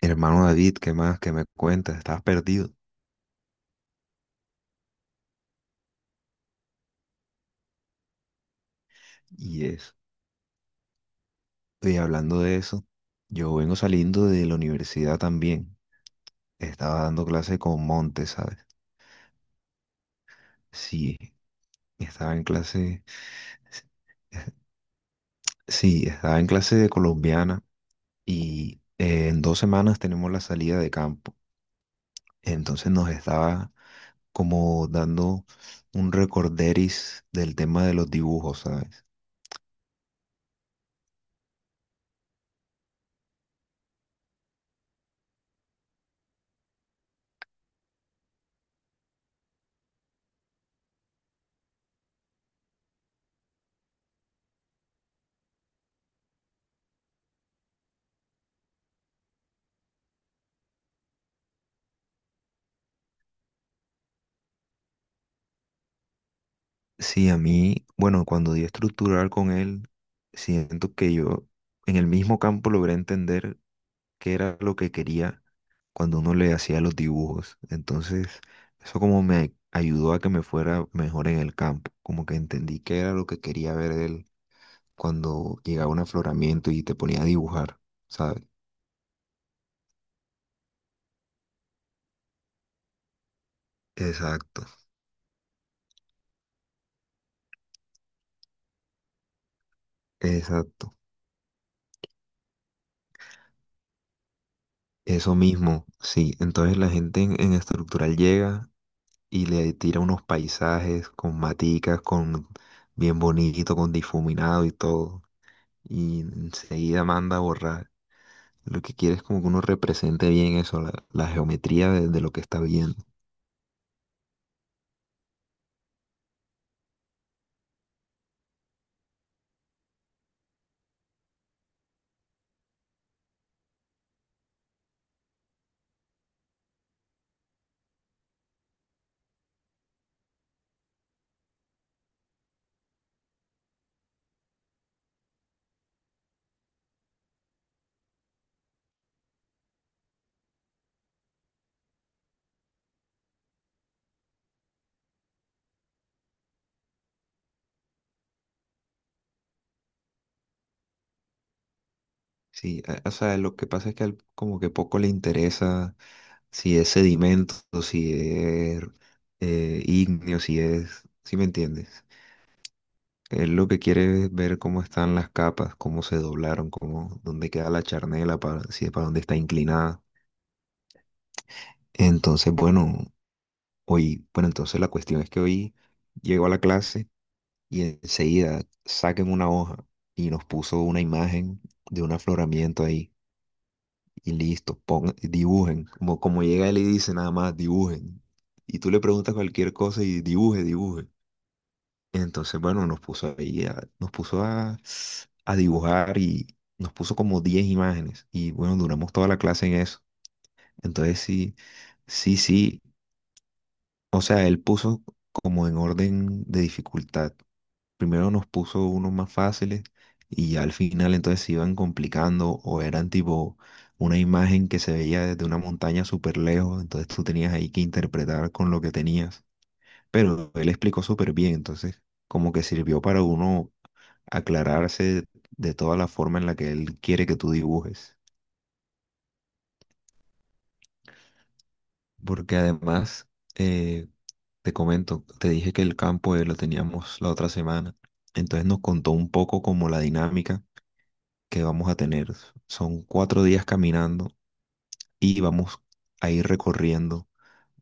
Hermano David, ¿qué más? ¿Qué me cuentas? Estabas perdido. Y eso. Y hablando de eso, yo vengo saliendo de la universidad también. Estaba dando clase con Monte, ¿sabes? Sí, estaba en clase. Sí, estaba en clase de colombiana y en 2 semanas tenemos la salida de campo. Entonces nos estaba como dando un recorderis del tema de los dibujos, ¿sabes? Sí, a mí, bueno, cuando di estructural con él, siento que yo en el mismo campo logré entender qué era lo que quería cuando uno le hacía los dibujos. Entonces, eso como me ayudó a que me fuera mejor en el campo, como que entendí qué era lo que quería ver él cuando llegaba un afloramiento y te ponía a dibujar, ¿sabes? Exacto, exacto. Eso mismo, sí. Entonces la gente en estructural llega y le tira unos paisajes con maticas, con bien bonito, con difuminado y todo. Y enseguida manda a borrar. Lo que quiere es como que uno represente bien eso, la geometría de lo que está viendo. Sí, o sea, lo que pasa es que como que poco le interesa si es sedimento, si es ígneo, si es, ¿sí me entiendes? Él lo que quiere es ver cómo están las capas, cómo se doblaron, cómo, dónde queda la charnela, para, si para dónde está inclinada. Entonces, bueno, hoy, bueno, entonces la cuestión es que hoy llegó a la clase y enseguida saquen una hoja y nos puso una imagen de un afloramiento ahí y listo, pongan, dibujen, como, como llega él y dice nada más, dibujen. Y tú le preguntas cualquier cosa y dibuje, dibuje. Entonces, bueno, nos puso ahí, nos puso a dibujar y nos puso como 10 imágenes y bueno, duramos toda la clase en eso. Entonces, sí, sí, sí. O sea, él puso como en orden de dificultad. Primero nos puso unos más fáciles y ya al final entonces se iban complicando o eran tipo una imagen que se veía desde una montaña súper lejos, entonces tú tenías ahí que interpretar con lo que tenías. Pero él explicó súper bien, entonces como que sirvió para uno aclararse de toda la forma en la que él quiere que tú dibujes. Porque además, eh, te comento, te dije que el campo lo teníamos la otra semana, entonces nos contó un poco como la dinámica que vamos a tener. Son cuatro días caminando y vamos a ir recorriendo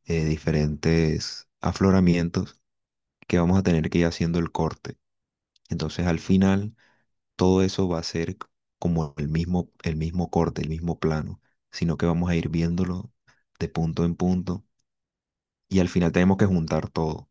diferentes afloramientos que vamos a tener que ir haciendo el corte. Entonces al final todo eso va a ser como el mismo corte, el mismo plano, sino que vamos a ir viéndolo de punto en punto y al final tenemos que juntar todo.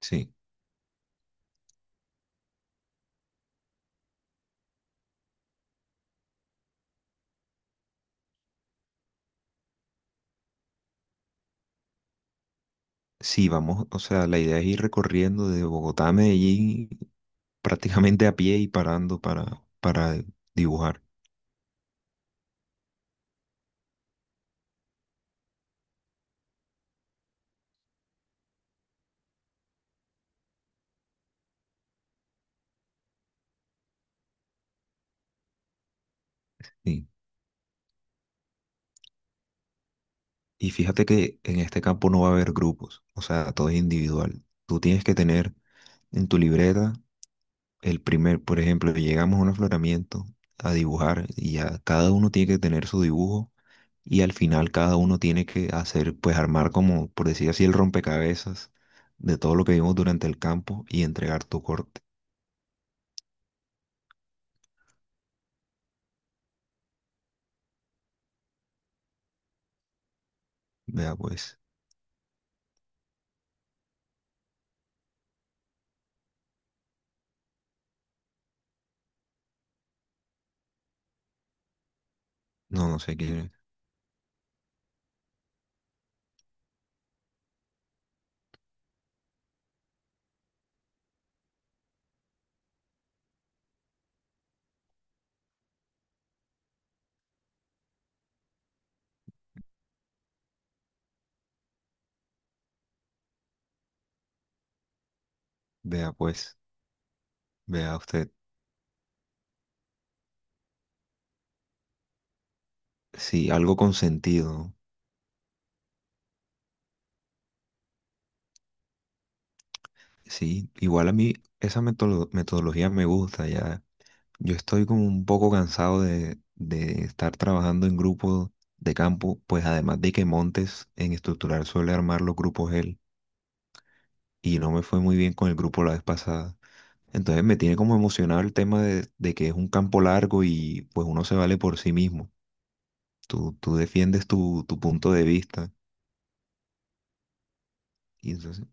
Sí. Sí, vamos, o sea, la idea es ir recorriendo de Bogotá a Medellín prácticamente a pie y parando para dibujar. Y, y fíjate que en este campo no va a haber grupos, o sea, todo es individual. Tú tienes que tener en tu libreta el primer, por ejemplo, llegamos a un afloramiento a dibujar y ya cada uno tiene que tener su dibujo y al final cada uno tiene que hacer, pues armar como, por decir así, el rompecabezas de todo lo que vimos durante el campo y entregar tu corte. Vea pues. No, no sé quién es. Vea pues, vea usted. Sí, algo con sentido, ¿no? Sí, igual a mí esa metodología me gusta ya. Yo estoy como un poco cansado de estar trabajando en grupos de campo, pues además de que Montes en estructural suele armar los grupos él y no me fue muy bien con el grupo la vez pasada. Entonces me tiene como emocionado el tema de que es un campo largo y pues uno se vale por sí mismo. Tú defiendes tu punto de vista y entonces...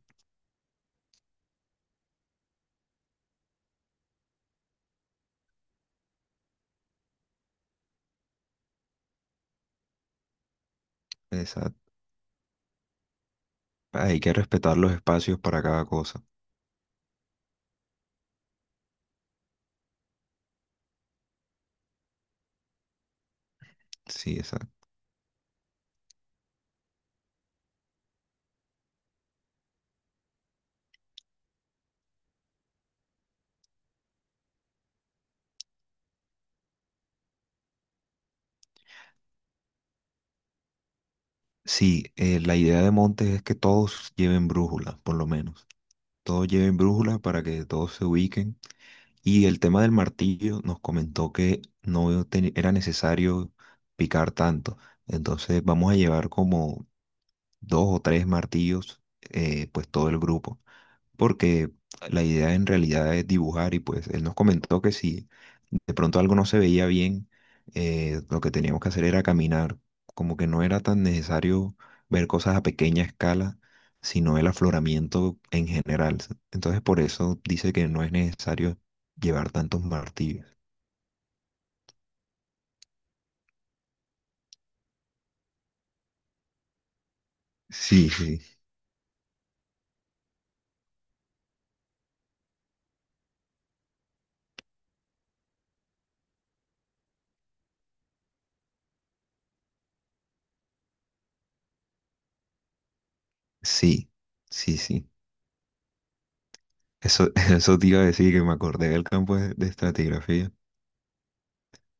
Esa, hay que respetar los espacios para cada cosa. Sí, exacto. Sí, la idea de Montes es que todos lleven brújula, por lo menos. Todos lleven brújula para que todos se ubiquen. Y el tema del martillo nos comentó que no te- era necesario picar tanto. Entonces vamos a llevar como dos o tres martillos, pues todo el grupo. Porque la idea en realidad es dibujar y pues él nos comentó que sí de pronto algo no se veía bien, lo que teníamos que hacer era caminar, como que no era tan necesario ver cosas a pequeña escala, sino el afloramiento en general. Entonces por eso dice que no es necesario llevar tantos martillos. Sí, sí, sí, sí, sí. Eso, eso te iba a decir que me acordé del campo de estratigrafía,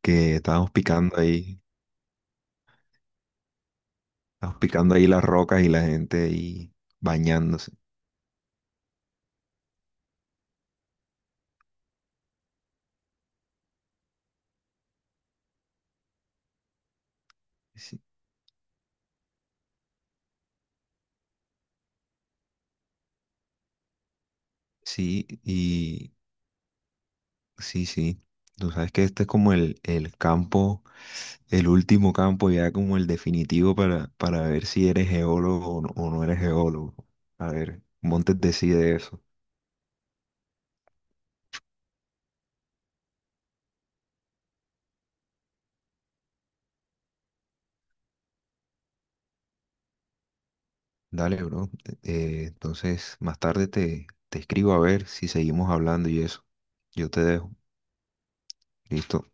que estábamos picando ahí las rocas y la gente ahí bañándose. Sí, sí, y sí, sí. Tú sabes que este es como el campo, el último campo, ya como el definitivo para ver si eres geólogo o no eres geólogo. A ver, Montes decide eso. Dale, bro. Entonces, más tarde te, te escribo a ver si seguimos hablando y eso. Yo te dejo. Listo.